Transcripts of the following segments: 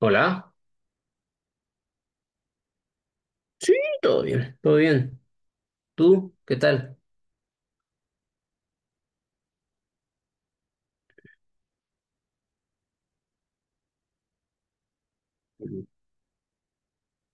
Hola. Sí, todo bien, todo bien. ¿Tú qué tal?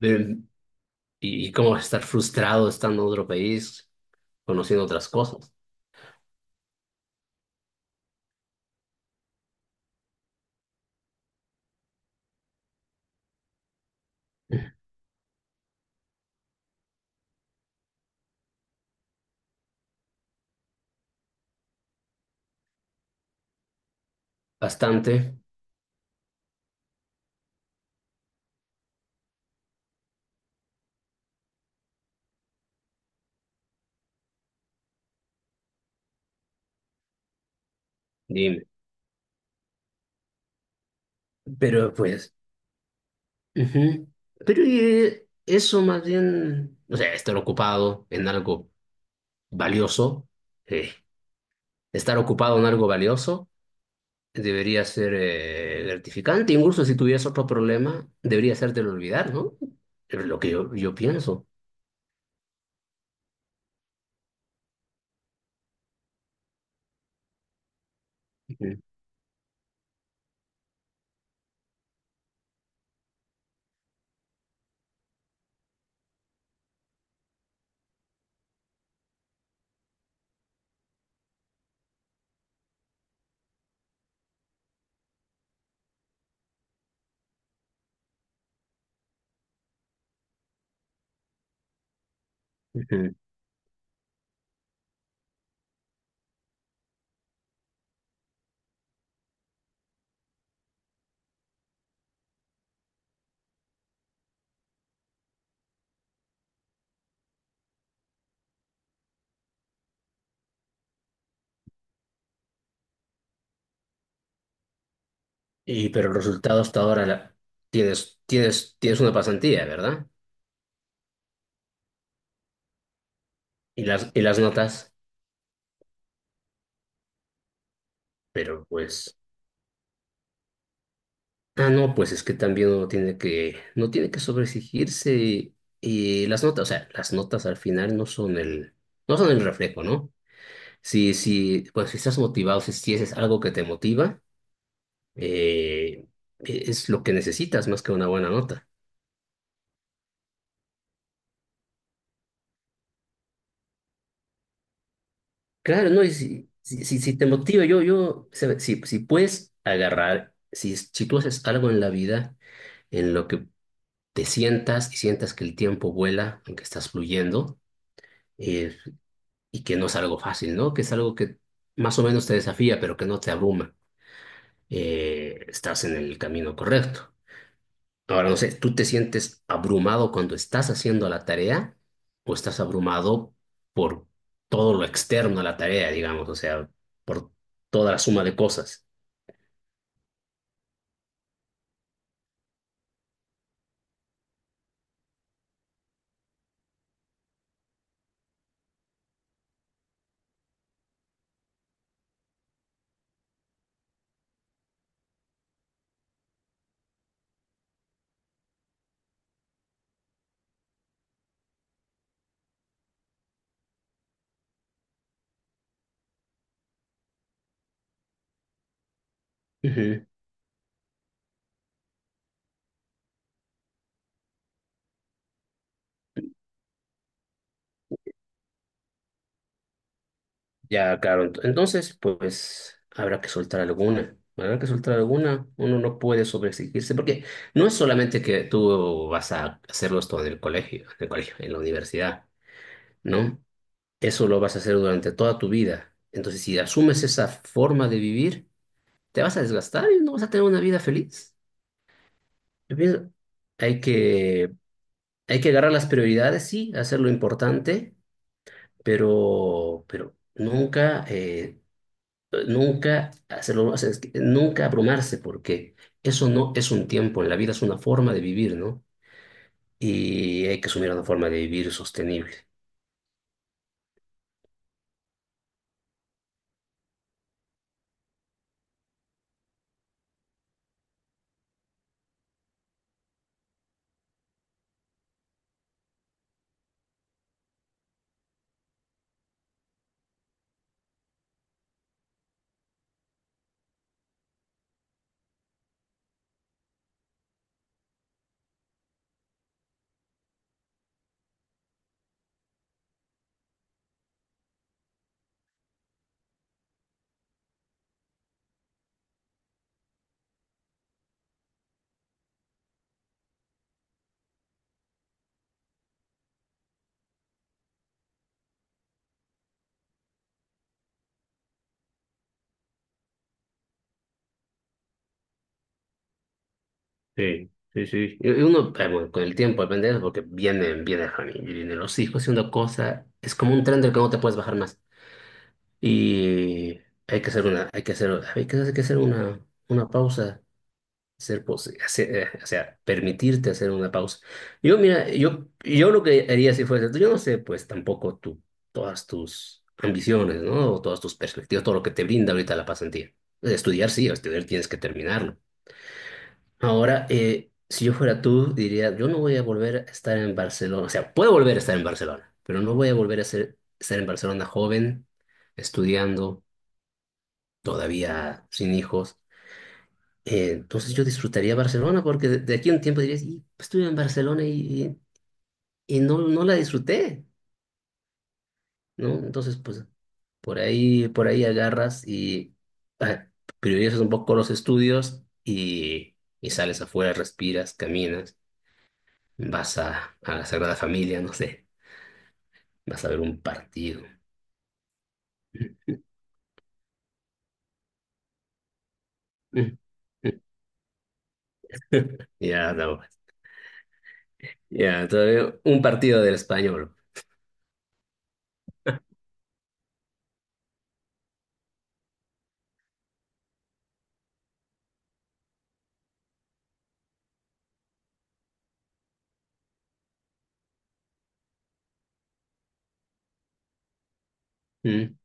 De- ¿Y cómo vas a estar frustrado estando en otro país, conociendo otras cosas? Bastante, dime. Pero pues, ujú. Pero eso más bien, o sea, valioso, eh, estar ocupado en algo valioso, debería ser gratificante. Incluso si tuvieras otro problema, debería hacértelo olvidar, ¿no? Es lo que yo pienso. Ujú. Ujú. Y, pero el resultado hasta ahora tienes una pasantía, ¿verdad? Y las notas, pero pues, ah, no, pues es que también uno tiene que, no tiene que sobreexigirse y las notas, o sea, las notas al final no son el reflejo, ¿no? Si, pues si estás motivado, si es algo que te motiva, eh, es lo que necesitas más que una buena nota. Claro, no, y si te motiva, sabe, si puedes agarrar, si tú haces algo en la vida en lo que te sientas y sientas que el tiempo vuela, en que estás fluyendo, eh, y que no es algo fácil, ¿no? Que es algo que más o menos te desafía, pero que no te abruma, estás en el camino correcto. Ahora, no sé, ¿tú te sientes abrumado cuando estás haciendo la tarea o estás abrumado por todo lo externo a la tarea, digamos, o sea, por toda la suma de cosas? Ujú. Ya, claro, entonces, pues habrá que soltar alguna, uno no puede sobreexigirse, porque no es solamente que tú vas a hacerlo esto en el colegio, en la universidad, ¿no? Eso lo vas a hacer durante toda tu vida. Entonces, si asumes esa forma de vivir, te vas a desgastar y no vas a tener una vida feliz. Yo pienso, hay que, hay que agarrar las prioridades, sí, hacer lo importante, pero nunca, nunca hacerlo, o sea, es que nunca abrumarse, porque eso no es un tiempo, en la vida es una forma de vivir, ¿no? Y hay que asumir una forma de vivir sostenible. Sí, sí, sí. Y uno, bueno, con el tiempo depende de eso, porque vienen, viene la familia, vienen los hijos y una cosa, es como un tren del que no te puedes bajar más. Y hay que hacer una pausa, o sea, permitirte hacer una pausa. Yo, mira, yo lo que haría si fuese tú, yo no sé, pues tampoco tú, todas tus ambiciones, ¿no? O todas tus perspectivas, todo lo que te brinda ahorita la pasantía. Estudiar, sí, estudiar tienes que terminarlo. Ahora, si yo fuera tú, diría, yo no voy a volver a estar en Barcelona, o sea, puedo volver a estar en Barcelona, pero no voy a volver a ser, estar en Barcelona joven, estudiando todavía sin hijos. Entonces yo disfrutaría Barcelona porque de aquí a un tiempo dirías, y, pues, estuve en Barcelona y no, no la disfruté, ¿no? Entonces, pues por ahí agarras y ah, priorizas un poco los estudios y sales afuera, respiras, caminas, vas a la Sagrada Familia, no sé, vas a ver un partido. Ya, no, ya, todavía un partido del Español. Mm.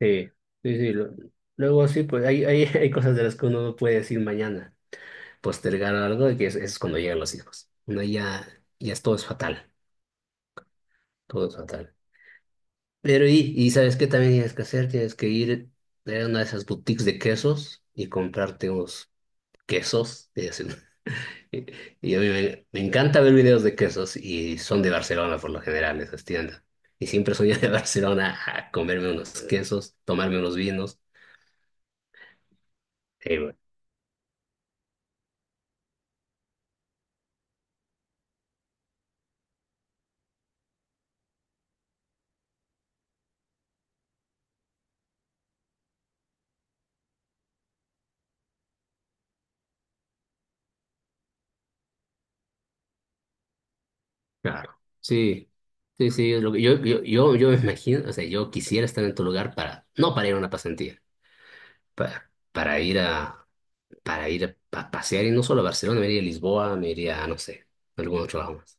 Sí, sí, sí. Luego sí, pues hay, hay cosas de las que uno no puede decir mañana, postergar algo, y que es, cuando llegan los hijos. Uno ya es, todo es fatal, todo es fatal. Pero y ¿sabes qué también tienes que hacer? Tienes que ir a una de esas boutiques de quesos y comprarte unos quesos. Y, así. Y- y a mí me encanta ver videos de quesos y son de Barcelona por lo general, esas tiendas. Y siempre soy de Barcelona a comerme unos quesos, tomarme unos vinos. Claro, sí, sí, sí, es lo que yo me imagino, o sea, yo quisiera estar en tu lugar para, no para ir a una pasantía, para, para ir a, para ir a pasear y no solo a Barcelona, me iría a Lisboa, me iría a, no sé, a algún otro lado más.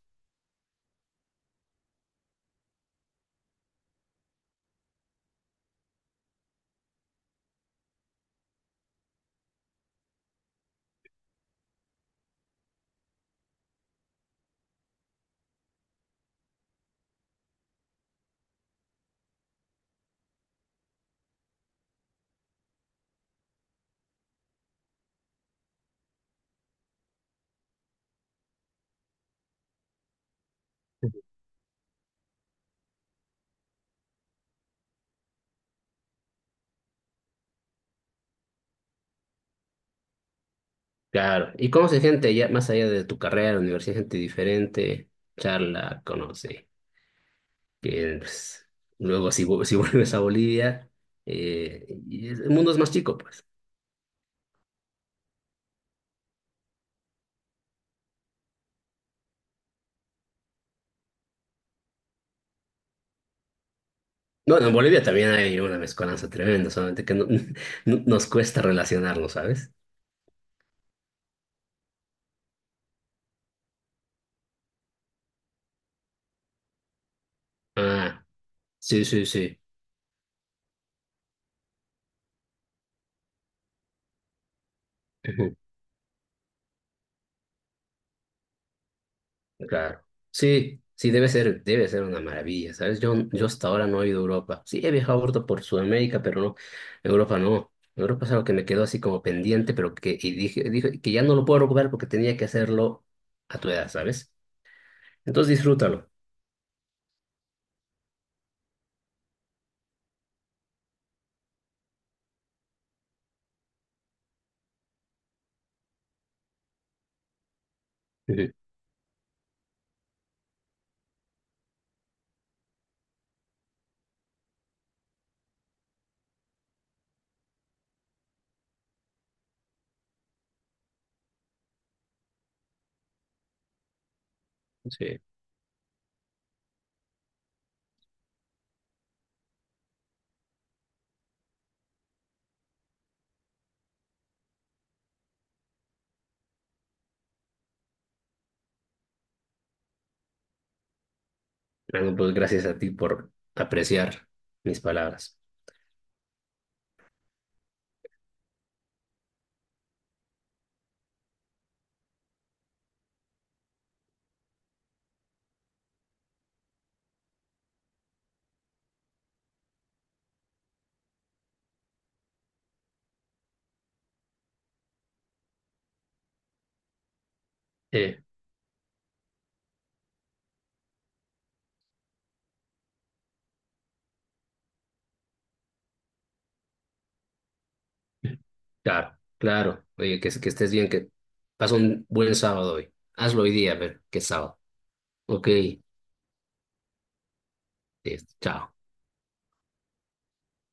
Claro, ¿y conoces gente allá, más allá de tu carrera, universidad, gente diferente, charla, conoce, que pues, luego si, si vuelves a Bolivia, y el mundo es más chico, pues? No, en Bolivia también hay una mezcolanza tremenda, solamente que nos cuesta relacionarlo, ¿sabes? Ah, sí, sí, sí. Ujú. Claro. Sí, sí, debe ser una maravilla, ¿sabes? Yo hasta ahora no he ido a Europa. Sí, he viajado ahorita por Sudamérica, pero no, Europa no. Europa es algo que me quedó así como pendiente, pero que, y dije, que ya no lo puedo recuperar porque tenía que hacerlo a tu edad, ¿sabes? Entonces disfrútalo. Ujú. Sí. Bueno, pues gracias a ti por apreciar mis palabras. Eh. Claro, claro. Oye, que estés bien, que pasa un buen sábado hoy. Hazlo hoy día, a ver, qué sábado. Ok, listo, chao.